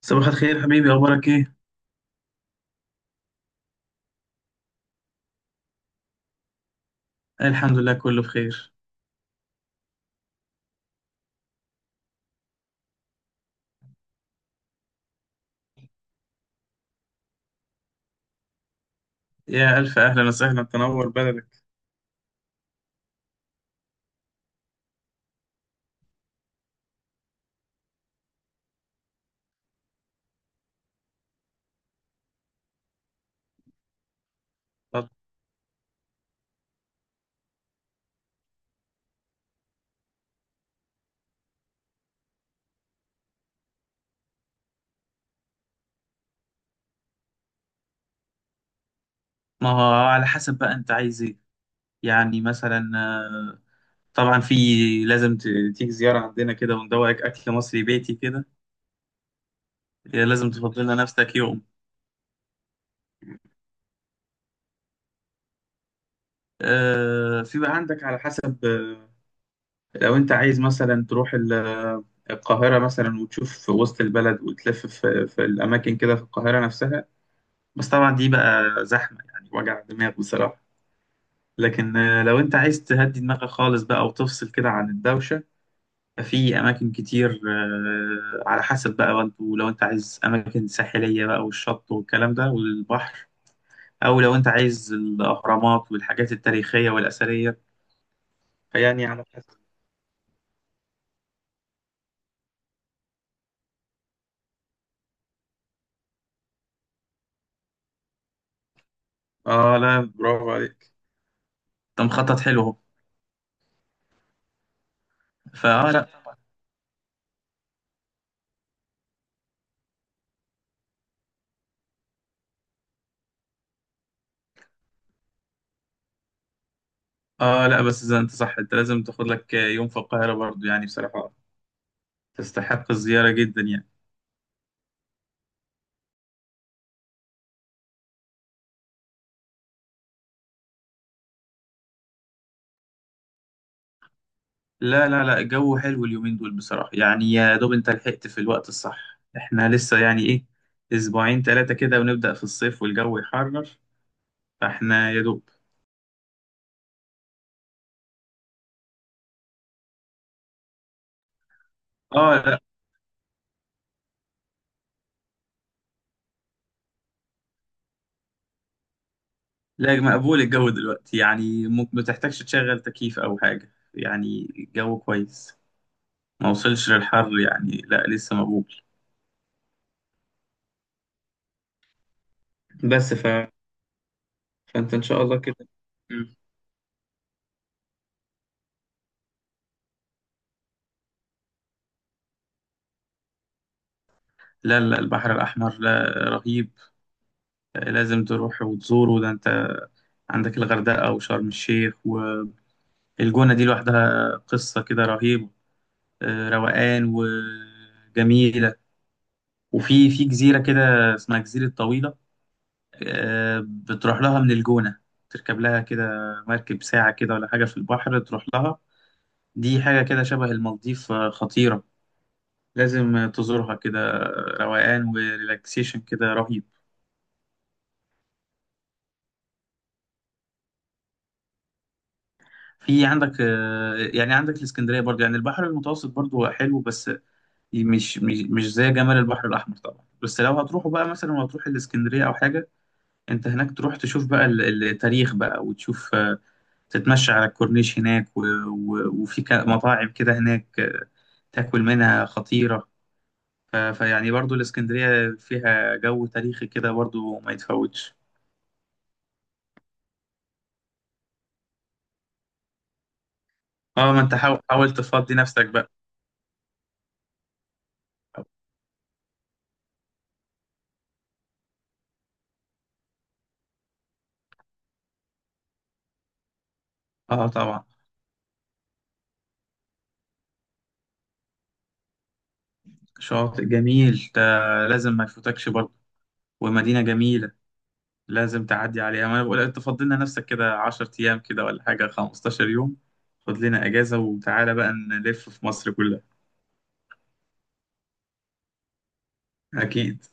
صباح الخير حبيبي، أخبارك إيه؟ الحمد لله كله بخير. يا ألف أهلا وسهلا، تنور بلدك. طب ما هو على حسب بقى أنت عايز إيه. يعني مثلا طبعا في لازم ت- تيجي زيارة عندنا كده وندوقك أكل مصري بيتي كده. يا لازم تفضل لنا نفسك يوم. في بقى عندك على حسب. لو أنت عايز مثلا تروح القاهرة مثلا وتشوف في وسط البلد وتلف في الأماكن كده في القاهرة نفسها. بس طبعا دي بقى زحمة، يعني وجع دماغ بصراحة. لكن لو انت عايز تهدي دماغك خالص بقى وتفصل كده عن الدوشة. ففي أماكن كتير على حسب بقى، وانتوا لو انت عايز أماكن ساحلية بقى والشط والكلام ده والبحر، أو لو انت عايز الأهرامات والحاجات التاريخية والأثرية. فيعني على حسب. اه لا، برافو عليك. انت مخطط حلو اهو. فاه لا. اه لا، بس إذا انت صح انت لازم تاخد لك يوم في القاهرة برضو، يعني بصراحة تستحق الزيارة جدا يعني. لا لا لا، الجو حلو اليومين دول بصراحة، يعني يا دوب انت لحقت في الوقت الصح. احنا لسه يعني ايه اسبوعين ثلاثة كده ونبدأ في الصيف والجو يحرر. فاحنا يا دوب. اه لا. لا مقبول الجو دلوقتي، يعني ما تحتاجش تشغل تكييف او حاجة، يعني الجو كويس. ما وصلش للحر يعني، لا لسه مقبول. بس ف... فانت ان شاء الله كده. مم. لا لا، البحر الأحمر، لا. رهيب. لازم تروح وتزوره. ده انت عندك الغردقة وشرم الشيخ. الجونة دي لوحدها قصة كده رهيبة. روقان وجميلة. وفي جزيرة كده اسمها جزيرة طويلة. بتروح لها من الجونة، تركب لها كده مركب ساعة كده ولا حاجة في البحر تروح لها. دي حاجة كده شبه المالديف، خطيرة. لازم تزورها كده. روقان وريلاكسيشن كده رهيب. في عندك يعني عندك الاسكندرية برضو، يعني البحر المتوسط برضو حلو بس مش زي جمال البحر الأحمر طبعا. بس لو هتروحوا بقى مثلا وهتروح الإسكندرية أو حاجة، أنت هناك تروح تشوف بقى التاريخ بقى، وتشوف تتمشى على الكورنيش هناك وفي مطاعم كده هناك، تاكل منها خطيرة. فيعني برضو الإسكندرية فيها جو تاريخي كده برضو ما يتفوتش. اه ما انت حاول حاول تفضي نفسك بقى. اه طبعا. شاطئ جميل ده، لازم ما يفوتكش برضو. ومدينة جميلة، لازم تعدي عليها. ما انا بقول انت فضل لنا نفسك كده 10 ايام كده ولا حاجه 15 يوم. خد لنا اجازه وتعالى بقى نلف في مصر كلها. اكيد.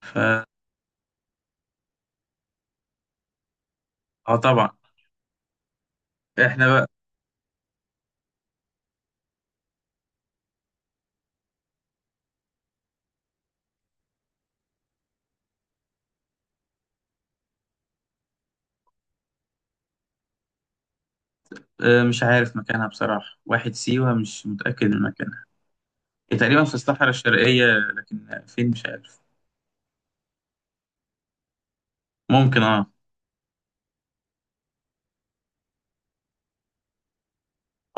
ف اه طبعا. احنا بقى مش عارف مكانها بصراحه، واحد سيوه مش متاكد من مكانها. هي تقريبا في الصحراء الشرقيه لكن فين مش عارف. ممكن اه.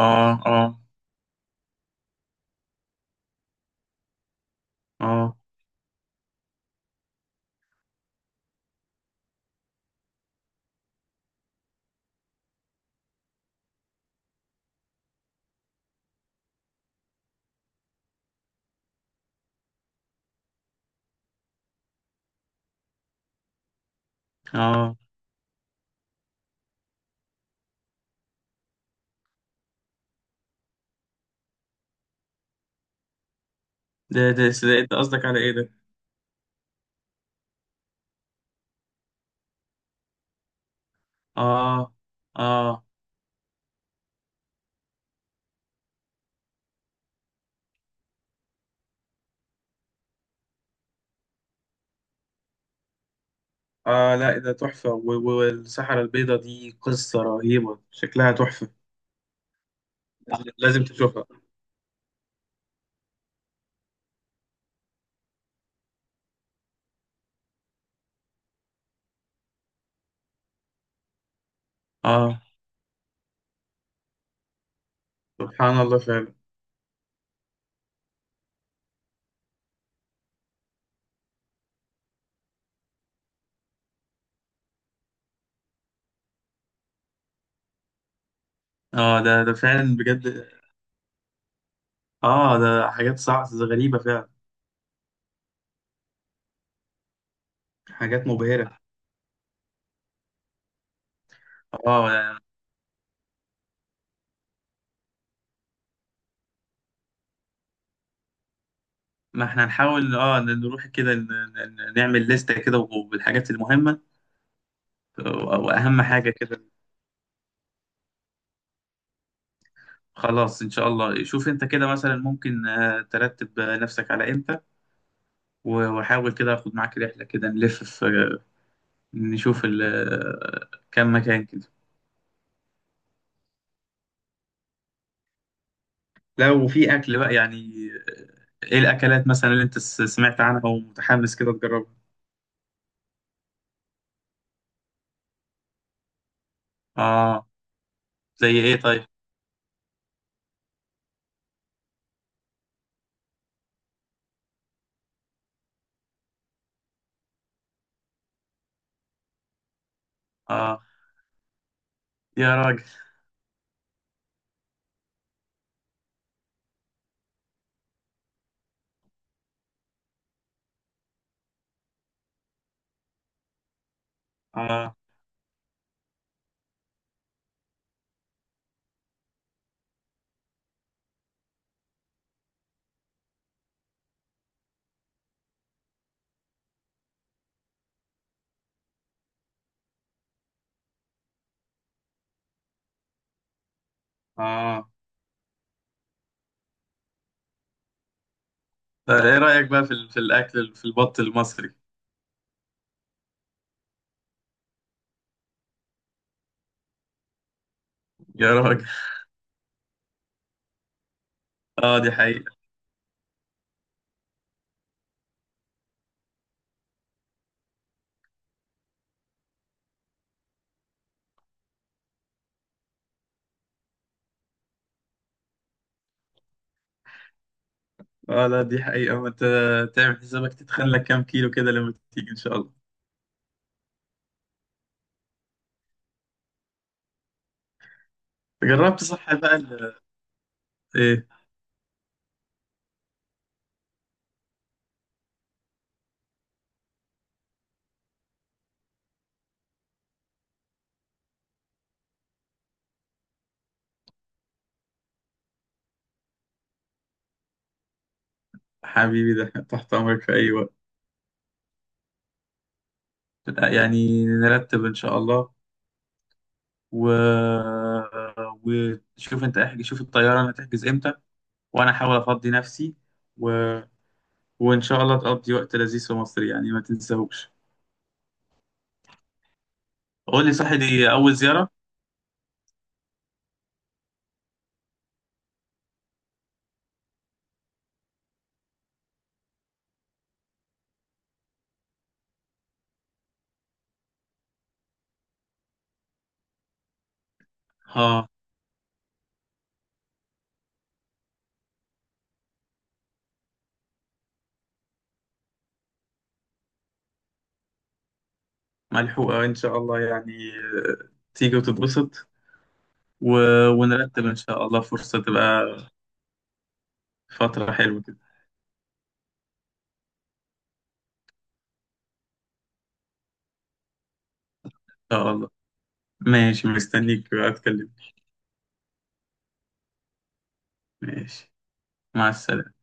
اه اه اه اه. ده انت قصدك على ايه ده؟ اه اه. اه لا، ده تحفه. و- و- والصحراء البيضاء دي قصه رهيبه، شكلها تحفه. لازم تشوفها. اه. سبحان الله فعلا. اه ده فعلا بجد. اه ده حاجات صعبة غريبة فعلا، حاجات مبهرة. اه يعني ما احنا هنحاول اه نروح كده نعمل لستة كده بالحاجات المهمة. واهم حاجة كده. خلاص ان شاء الله، شوف انت كده مثلا ممكن ترتب نفسك على امتى، وحاول كده اخد معاك رحلة كده نلف في، نشوف كام مكان كده. لو في اكل بقى يعني، ايه الاكلات مثلا اللي انت سمعت عنها ومتحمس كده تجربها. اه زي ايه طيب. اه يا راجل. اه اه. طيب ايه رايك بقى في في الاكل في البط المصري؟ يا راجل. اه دي حقيقه. اه لا دي حقيقه. ما انت تعمل حسابك تتخلى كام كيلو كده لما تيجي ان شاء الله. جربت صح بقى ايه. حبيبي، ده تحت امرك في اي وقت. يعني نرتب ان شاء الله و... وشوف انت احجز، شوف الطياره انا هتحجز امتى، وانا احاول افضي نفسي و... وان شاء الله تقضي وقت لذيذ في مصر يعني ما تنساهوش. قول لي، صح دي اول زياره؟ اه ملحوقه ان شاء الله يعني، تيجي وتتبسط و... ونرتب ان شاء الله فرصه تبقى فتره حلوه كده. ان شاء الله. ماشي، مستنيك بقى، اتكلم. ماشي، مع السلامه.